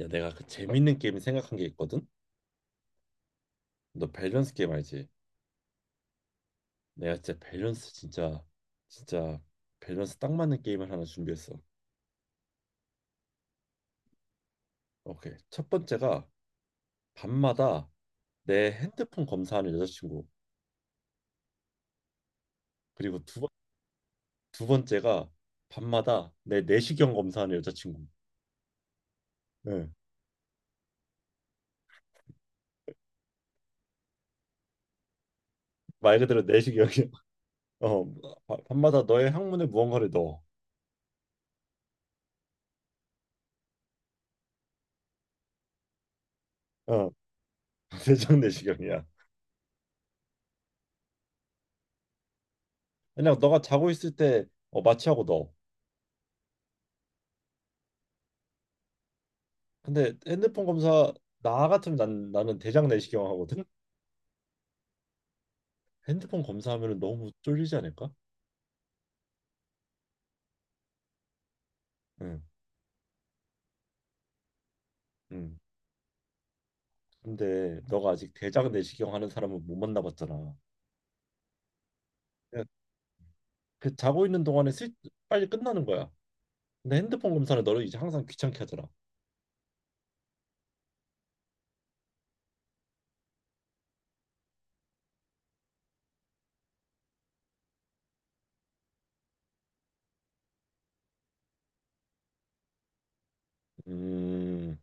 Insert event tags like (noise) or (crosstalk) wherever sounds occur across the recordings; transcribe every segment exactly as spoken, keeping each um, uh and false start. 야, 내가 그 재밌는 게임 생각한 게 있거든. 너 밸런스 게임 알지? 내가 진짜 밸런스 진짜 진짜 밸런스 딱 맞는 게임을 하나 준비했어. 오케이. 첫 번째가 밤마다 내 핸드폰 검사하는 여자친구. 그리고 두, 번- 두 번째가 밤마다 내 내시경 검사하는 여자친구. 예. 말 그대로 내시경이야. (laughs) 어, 바- 밤마다 너의 항문에 무언가를 넣어. 어, (laughs) 대장 내시경이야. 그냥 너가 자고 있을 때 어, 마취하고 넣어. 근데 핸드폰 검사 나 같으면 난 나는 대장 내시경 하거든. 핸드폰 검사하면 너무 쫄리지 않을까? 응, 응. 근데 너가 아직 대장 내시경 하는 사람은 못 만나봤잖아. 그냥 그 자고 있는 동안에 슬 빨리 끝나는 거야. 근데 핸드폰 검사는 너를 이제 항상 귀찮게 하잖아. 음,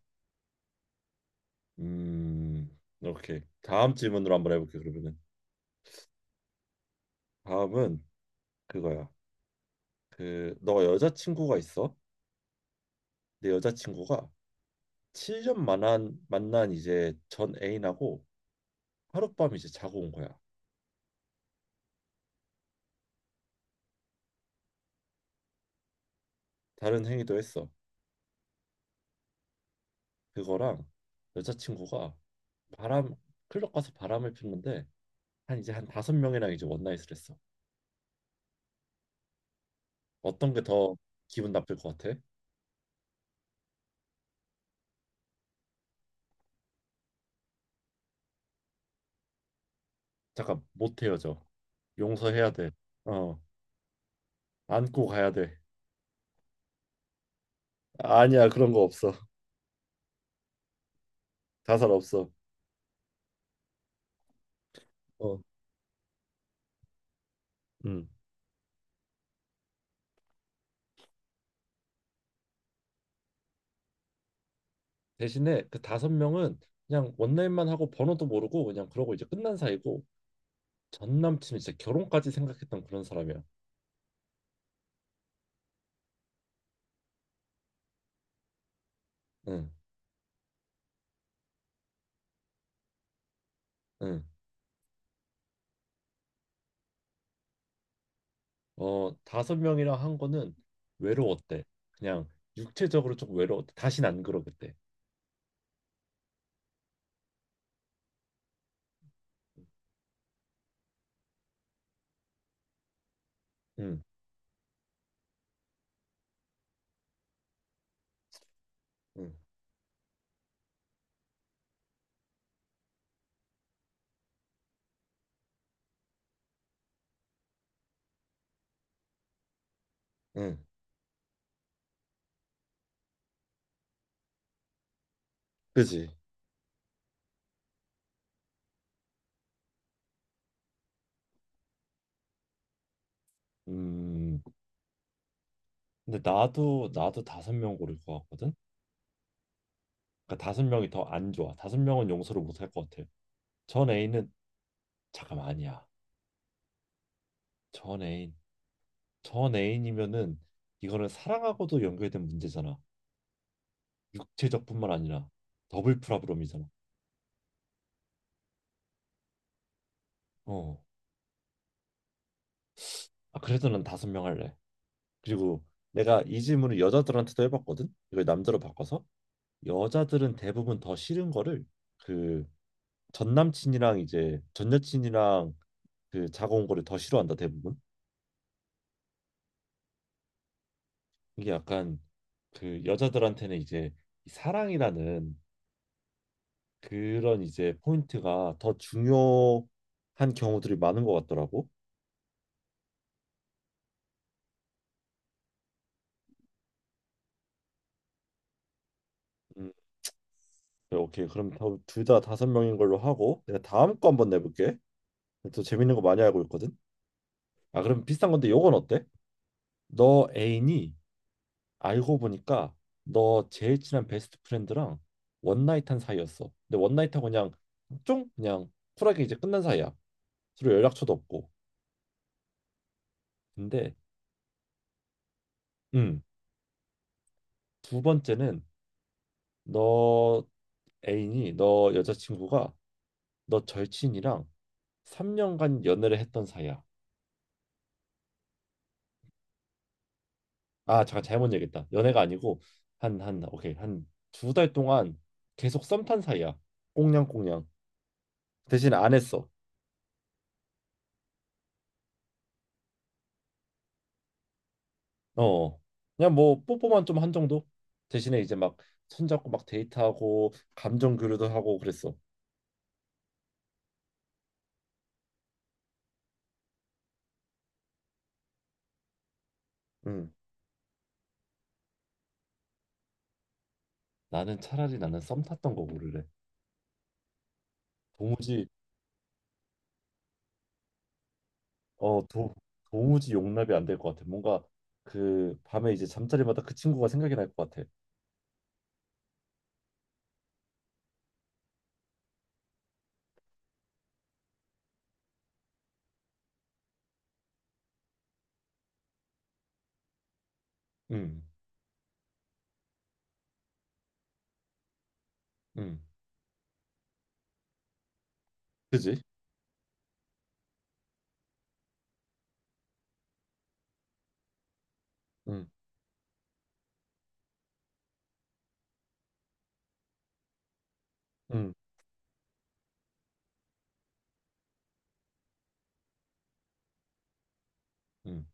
음, 오케이. 다음 질문으로 한번 해볼게. 그러면은 다음은 그거야. 그 너가 여자친구가 있어? 내 여자친구가 칠 년 만난 만난 이제 전 애인하고 하룻밤 이제 자고 온 거야. 다른 행위도 했어. 그거랑 여자친구가 바람 클럽 가서 바람을 피는데 한 이제 한 다섯 명이랑 이제 원나잇을 했어. 어떤 게 더 기분 나쁠 것 같아? 잠깐 못 헤어져. 용서해야 돼. 어, 안고 가야 돼. 아니야, 그런 거 없어. 자살 없어. 어, 음. 대신에 그 다섯 명은 그냥 원나잇만 하고 번호도 모르고 그냥 그러고 이제 끝난 사이고, 전 남친 이제 결혼까지 생각했던 그런 사람이야. 응, 응. 어, 다섯 명이랑 한 거는 외로웠대. 그냥 육체적으로 조금 외로웠대. 다신 안 그러겠대. 응, 응, 응. 그지? 음. 근데 나도 나도 다섯 명 고를 것 같거든. 그러니까 다섯 명이 더 안 좋아. 다섯 명은 용서를 못 할 것 같아. 전 애인은 잠깐만 아니야. 전 애인, 전 애인이면은 이거는 사랑하고도 연결된 문제잖아. 육체적뿐만 아니라 더블 프라브롬이잖아. 어, 아, 그래도 난 다섯 명 할래. 그리고 내가 이 질문을 여자들한테도 해봤거든. 이걸 남자로 바꿔서 여자들은 대부분 더 싫은 거를, 그 전 남친이랑 이제 전 여친이랑 그 자고 온 거를 더 싫어한다, 대부분. 이게 약간 그 여자들한테는 이제 이 사랑이라는 그런 이제 포인트가 더 중요한 경우들이 많은 것 같더라고. 음, 네, 오케이. 그럼 둘 다 다섯 명인 걸로 하고 내가 다음 거 한번 내볼게. 또 재밌는 거 많이 알고 있거든. 아, 그럼 비슷한 건데 요건 어때? 너 애인이 알고 보니까 너 제일 친한 베스트 프렌드랑 원나잇한 사이였어. 근데 원나잇하고 그냥 쫑 그냥 쿨하게 이제 끝난 사이야. 서로 연락처도 없고. 근데 음, 두 번째는 너 애인이 너 여자친구가 너 절친이랑 삼 년간 연애를 했던 사이야. 아, 잠깐 잘못 얘기했다. 연애가 아니고 한 한 오케이 한 두 달 동안 계속 썸 탄 사이야. 꽁냥꽁냥. 대신 안 했어. 어, 그냥 뭐 뽀뽀만 좀 한 정도. 대신에 이제 막 손잡고 막 데이트하고 감정 교류도 하고 그랬어. 응. 나는 차라리 나는 썸 탔던 거 고를래. 도무지 어, 도, 도무지 용납이 안 될 것 같아. 뭔가 그 밤에 이제 잠자리마다 그 친구가 생각이 날 것 같아. 응, 응, 그지? 응, 응, 응,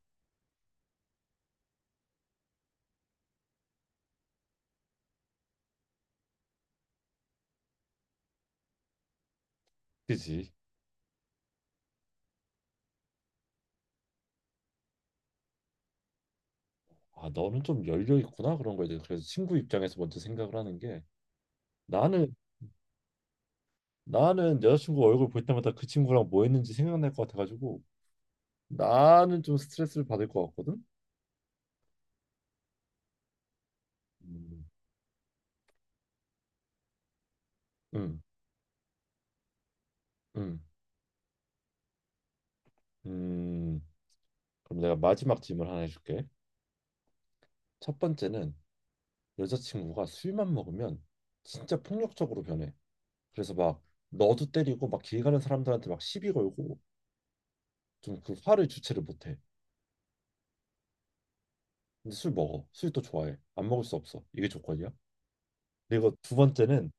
그지. 아, 너는 좀 열려 있구나, 그런 거에 대해서. 그래서 친구 입장에서 먼저 생각을 하는 게 나는 나는 여자친구 얼굴 볼 때마다 그 친구랑 뭐 했는지 생각날 것 같아가지고 나는 좀 스트레스를 받을 것 같거든. 음. 음. 음. 음. 그럼 내가 마지막 질문 하나 해줄게. 첫 번째는 여자친구가 술만 먹으면 진짜 폭력적으로 변해. 그래서 막 너도 때리고 막 길 가는 사람들한테 막 시비 걸고 좀 그 화를 주체를 못해. 근데 술 먹어. 술 또 좋아해. 안 먹을 수 없어. 이게 조건이야. 그리고 두 번째는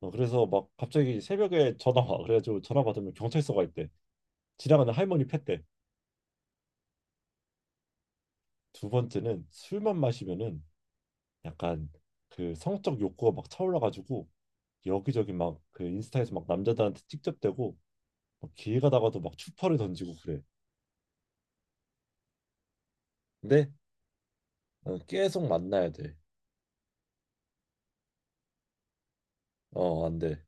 어, 그래서 막 갑자기 새벽에 전화 와. 그래가지고 전화 받으면 경찰서가 있대. 지나가는 할머니 팻대. 두 번째는 술만 마시면은 약간 그 성적 욕구가 막 차올라가지고 여기저기 막 그 인스타에서 막 남자들한테 직접대고 막 길 가다가도 막 추파를 던지고 그래. 근데 어, 계속 만나야 돼. 어, 안 돼.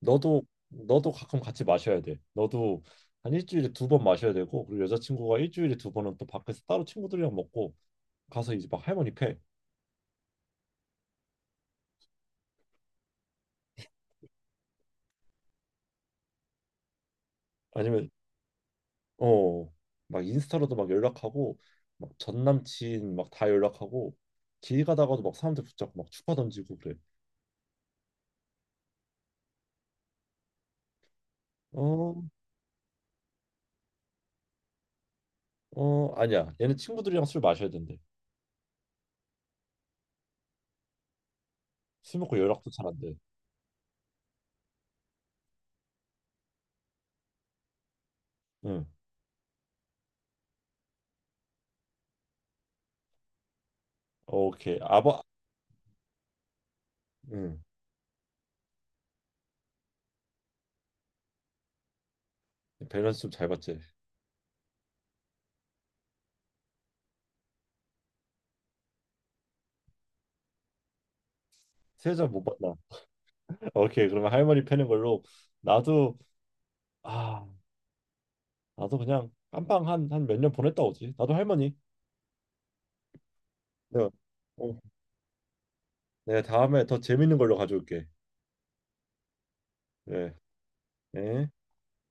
너도 너도 가끔 같이 마셔야 돼. 너도 한 일주일에 두 번 마셔야 되고, 그리고 여자친구가 일주일에 두 번은 또 밖에서 따로 친구들이랑 먹고 가서 이제 막 할머니 패. 아니면 어, 막 인스타로도 막 연락하고 막 전 남친 막 다 연락하고 길 가다가도 막 사람들 붙잡고 막 추파 던지고 그래. 어, 어, 아니야. 얘는 친구들이랑 술 마셔야 된대. 술 먹고 연락도 잘 안 돼. 응. 어, 오케이. 아버, 응. 밸런스 좀 잘 봤지. 세자 못 봤나? (laughs) 오케이. 그러면 할머니 패는 걸로 나도. 아, 나도 그냥 깜빵 한 한 몇 년 보냈다 오지. 나도 할머니. 네. 어, 내가 다음에 더 재밌는 걸로 가져올게. 네. 네.